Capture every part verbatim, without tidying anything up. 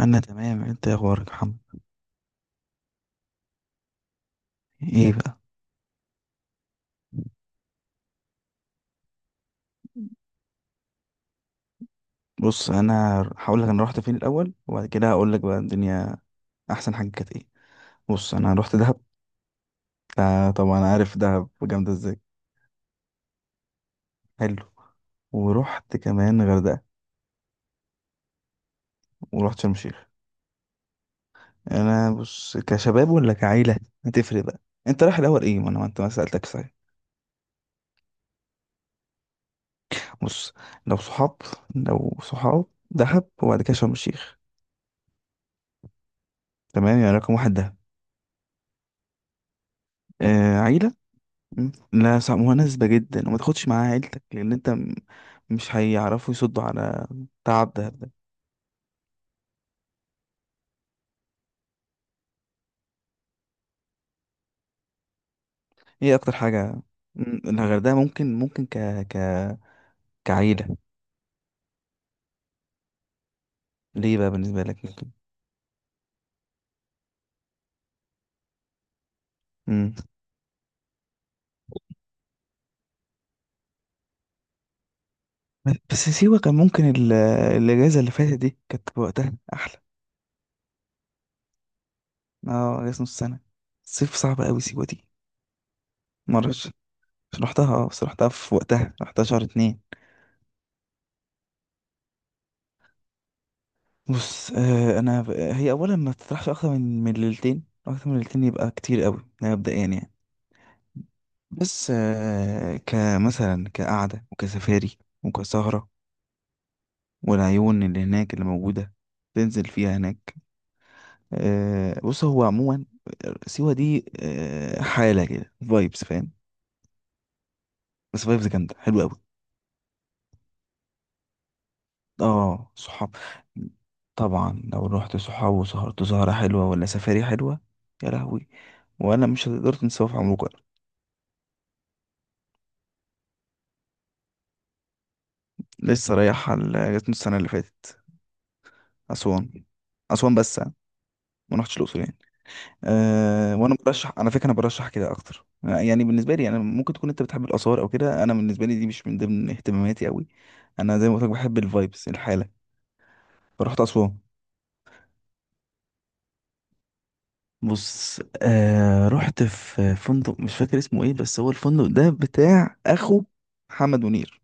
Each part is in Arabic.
انا تمام. انت يا اخبارك يا محمد؟ ايه بقى؟ بص، انا هقول لك انا رحت فين الاول وبعد كده هقول لك بقى الدنيا، احسن حاجه كانت ايه. بص انا رحت دهب. آه، طبعا عارف دهب جامده ازاي. حلو. ورحت كمان غردقه، ورحت شرم الشيخ. انا بص، كشباب ولا كعيله؟ هتفرق بقى. انت رايح الاول ايه؟ ما انا ما انت ما سالتك صحيح. بص، لو صحاب، لو صحاب دهب وبعد كده شرم الشيخ. تمام، يعني رقم واحد دهب. آه، عيله. مم. لا، صعب، مناسبة جدا، وما تاخدش معاها عيلتك، لأن أنت م- مش هيعرفوا يصدوا على تعب ده ده إيه أكتر حاجة؟ مم، الغردقة ممكن ممكن ك ك كعيلة ليه بقى بالنسبة لك ممكن؟ مم. بس سيوة كان ممكن ال- الأجازة اللي فاتت دي كانت وقتها أحلى. اه، أجازة نص سنة. الصيف صعب أوي سيوة دي. مرش، رحتها، اه بس رحتها في وقتها، رحتها شهر اتنين. بص، آه انا ب... آه، هي اولا ما تطرحش اكتر من من ليلتين، اكتر من ليلتين يبقى كتير قوي، ده مبدئيا يعني. بس آه كمثلا كقعده وكسفاري وكسهره، والعيون اللي هناك اللي موجوده تنزل فيها هناك. آه، بص، هو عموما سيوه دي آه حاله كده، فايبس، فاهم؟ بس فايبس جامده، حلوه قوي. اه، صحاب. طبعا لو رحت صحاب وسهرت سهره حلوه ولا سفاري حلوه، يا لهوي، ولا مش هتقدر تنساه في عمرك. لسه رايح ال- جاتني السنة اللي فاتت. أسوان. أسوان بس يعني، ما رحتش الأقصر يعني. أه، وأنا برشح، على فكرة أنا برشح كده أكتر، يعني بالنسبة لي. أنا ممكن تكون أنت بتحب الآثار أو كده، أنا بالنسبة لي دي مش من ضمن اهتماماتي أوي. أنا زي ما قلت لك بحب الفايبس، الحالة. فرحت أسوان. بص، أه رحت في فندق مش فاكر اسمه إيه، بس هو الفندق ده بتاع أخو محمد منير.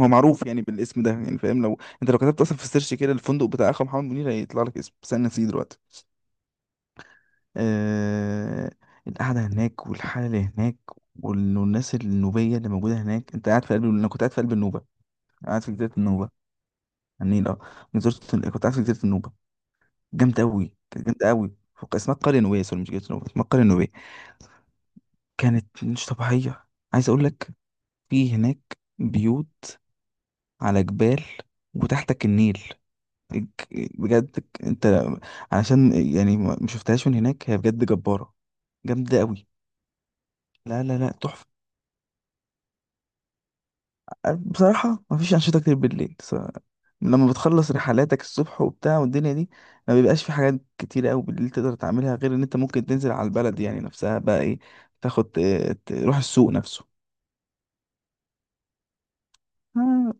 هو معروف يعني بالاسم ده، يعني فاهم، لو انت لو كتبت اصلا في السيرش كده الفندق بتاع اخو محمد منير هيطلع لك اسم، بس انا نسيه دلوقتي. آه، القعدة هناك والحالة اللي هناك وال- والناس النوبية اللي موجودة هناك، أنت قاعد في قلب، أنا كنت قاعد في قلب النوبة. قاعد في جزيرة النوبة، على النيل. أه، أنا زرت، كنت قاعد في جزيرة النوبة، جامدة أوي، كانت جامدة أوي فوق- اسمها القرية النوبية، سوري مش جزيرة النوبة، اسمها القرية النوبية. كانت مش طبيعية، عايز أقول لك. في هناك بيوت على جبال وتحتك النيل الج- بجد أنت علشان يعني ما ما شفتهاش من هناك، هي بجد جبارة. جامدة أوي. لا لا لا، تحفة. بصراحة مفيش أنشطة كتير بالليل. س- لما بتخلص رحلاتك الصبح وبتاع والدنيا دي، ما بيبقاش في حاجات كتيرة أوي بالليل تقدر تعملها، غير إن أنت ممكن تنزل على البلد يعني نفسها بقى، إيه، تاخد ت- تروح السوق نفسه. آه،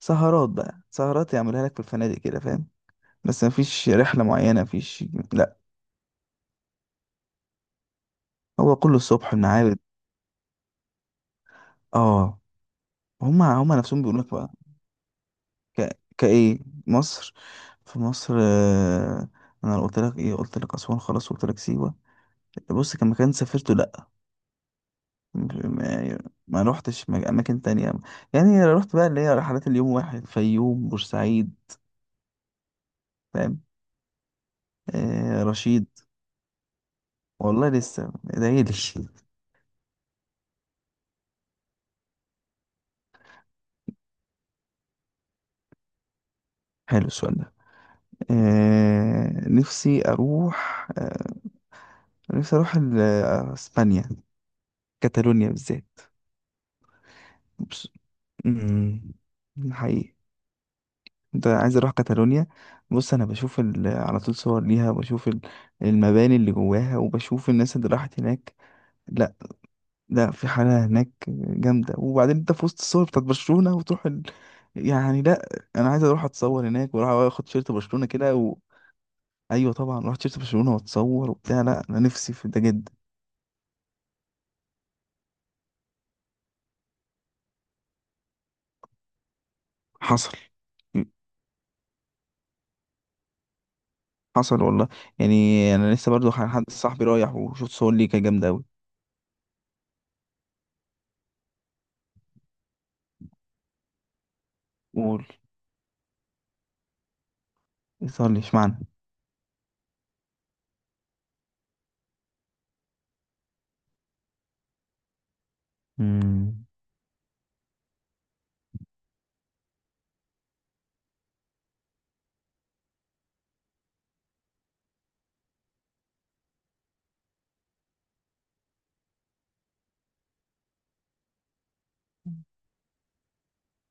سهرات بقى، سهرات يعملها لك في الفنادق كده، فاهم. بس مفيش رحلة معينة، مفيش. لأ. هو كله الصبح المعابد. آه، هما هما نفسهم بيقولوا لك بقى. ك... كإيه؟ مصر. في مصر، آه، أنا قلت لك إيه، قلت لك أسوان، خلاص قلت لك سيوة. بص، كان مكان سافرته، لأ ما, ما روحتش مج- أماكن تانية. يعني رحت بقى اللي هي رحلات اليوم واحد، فيوم بورسعيد، فاهم. آه، رشيد. والله لسه، ادعيلي حلو السؤال ده. آه، نفسي أروح، آه نفسي أروح ال- آه، إسبانيا. كاتالونيا بالذات. بص- مم، حقيقي. انت عايز اروح كاتالونيا. بص، انا بشوف ال- على طول صور ليها، وبشوف ال- المباني اللي جواها، وبشوف الناس اللي راحت هناك. لا، لا، في حالة هناك جامدة، وبعدين انت في وسط الصور بتاعت برشلونة وتروح ال... يعني لا، انا عايز اروح اتصور هناك واروح اخد شيرت برشلونة كده و... ايوه طبعا، رحت شيرت برشلونة واتصور وبتاع، لا انا نفسي في ده جدا. حصل. حصل والله. يعني انا لسه برضو ح- حد صاحبي رايح وشوت صور ليه، كانت جامدة اوي. قول. صور لي اشمعنى. امم.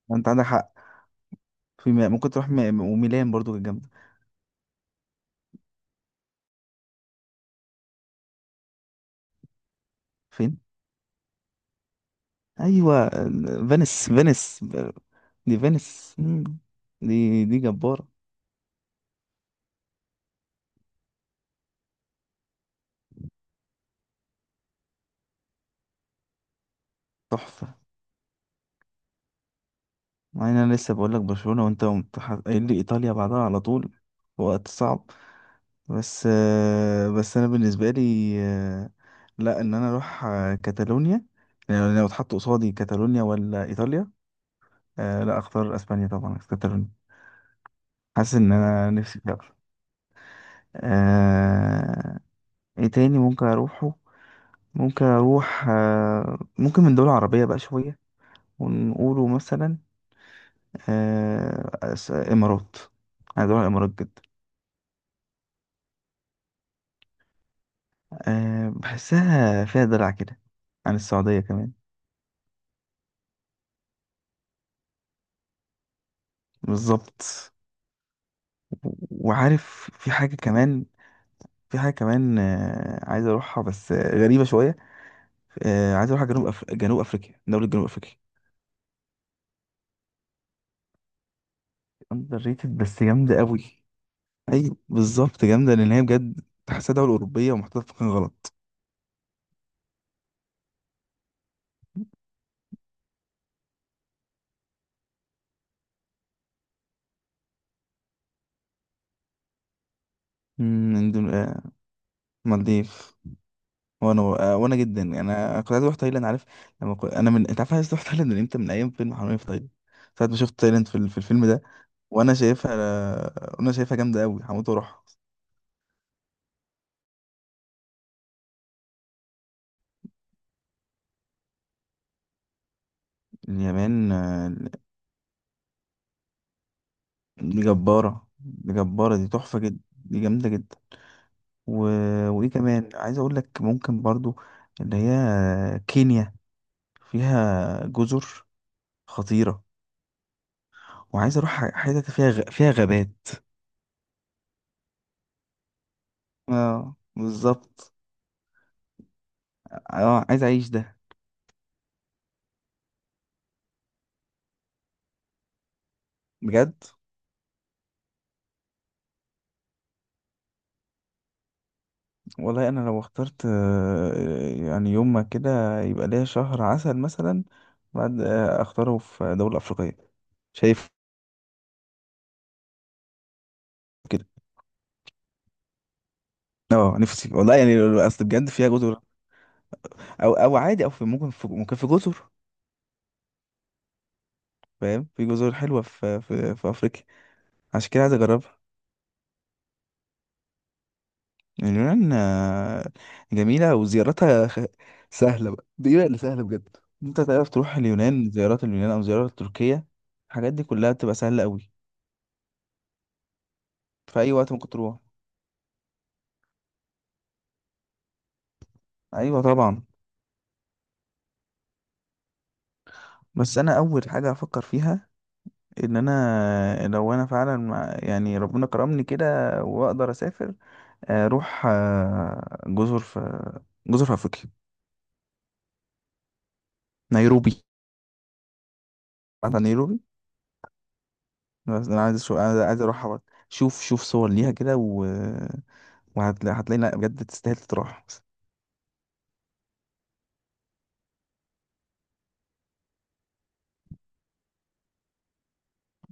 ما انت عندك حق. في م... ممكن تروح م... وميلان برضو كانت جامدة. فين؟ ايوه، فينيس، فينيس. دي فينيس. مم. دي دي جبارة. تحفة. مع ان انا لسه بقول لك برشلونة وانت قمت ح- قايل لي ايطاليا بعدها على طول، في وقت صعب. بس آه، بس انا بالنسبة لي، آه، لا، ان انا اروح، آه، كاتالونيا. يعني لو اتحط قصادي كاتالونيا ولا ايطاليا، آه لا، اختار اسبانيا، طبعا كاتالونيا. حاسس ان انا نفسي فيها أكتر. آه، ايه تاني ممكن اروحه. ممكن اروح آه، ممكن من دول عربية بقى شوية، ونقوله مثلا، آه، أس- امارات. عايز اروح الامارات جدا. أه، بحسها فيها دلع كده عن السعودية كمان. بالظبط. و- وعارف في حاجة كمان، في حاجة كمان آه، عايز أروحها، بس آه، غريبة شوية، آه، عايز أروح جنوب أف... جنوب أفريقيا، دولة جنوب أفريقيا. أندر ريتد، بس جامدة قوي. أي بالظبط، جامدة، لأن هي بجد تحسها دولة أوروبية ومحطوطة في مكان غلط. مم، إندون... آه، مالديف. وأنا، آه، وأنا جدا أنا كنت عايز أروح تايلاند، عارف، لما كنت... أنا من أنت عارف أنا عايز أروح تايلاند من إمتى، من أيام فيلم حرامية في تايلاند. ساعة ما شفت تايلاند في, ال- في الفيلم ده، وانا شايفها، وانا شايفها جامده قوي، هموت واروح. اليابان، آه، دي جباره، دي جباره، دي تحفه جدا، دي جامده جدا. و... وايه كمان، عايز اقول لك ممكن برضو اللي هي كينيا، فيها جزر خطيره، وعايز اروح ح- حتت فيها غ... فيها غابات. اه بالظبط. اه، عايز اعيش ده بجد. والله انا لو اخترت، آه، يعني يوم ما كده يبقى ليا شهر عسل مثلا، بعد، آه، اختاره في دولة افريقية، شايف. كده. اه، نفسي والله، يعني لو- لو- اصل بجد فيها جزر. او، او عادي، او في ممكن، في ممكن في جزر، فاهم، في جزر حلوة، في في, في افريقيا. عشان كده عايز اجربها. اليونان، آه، جميلة، وزيارتها خ- سهلة بقى، دي بقى اللي سهلة بجد. انت تعرف تروح اليونان، زيارات اليونان او زيارات تركيا، الحاجات دي كلها بتبقى سهلة قوي. في اي وقت ممكن تروح. ايوه طبعا. بس انا اول حاجه افكر فيها ان انا، لو انا فعلا مع- يعني ربنا كرمني كده واقدر اسافر، آه، اروح، آه، جزر في، جزر في افريقيا. نيروبي. عارف نيروبي؟ بس انا عايز شو... عايز عايز اروح، شوف شوف صور ليها كده و... وهتلاقي، هتلاقي، لا بجد تستاهل تروح.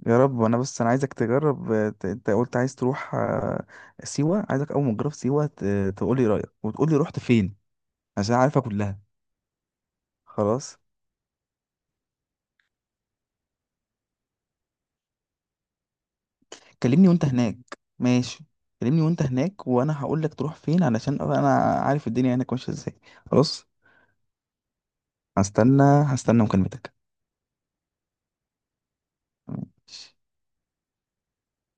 يا رب. انا بس انا عايزك تجرب، آه، ت- انت قلت عايز تروح، آه، سيوه، عايزك اول ما تجرب سيوه ت... تقولي رايك، وتقولي رحت فين، عشان عارفه كلها. خلاص. كلمني وانت هناك. ماشي. كلمني وانت هناك، وانا هقول لك تروح فين علشان ابقى انا عارف الدنيا هناك ماشيه ازاي. خلاص. هستنى، هستنى مكالمتك. ماشي.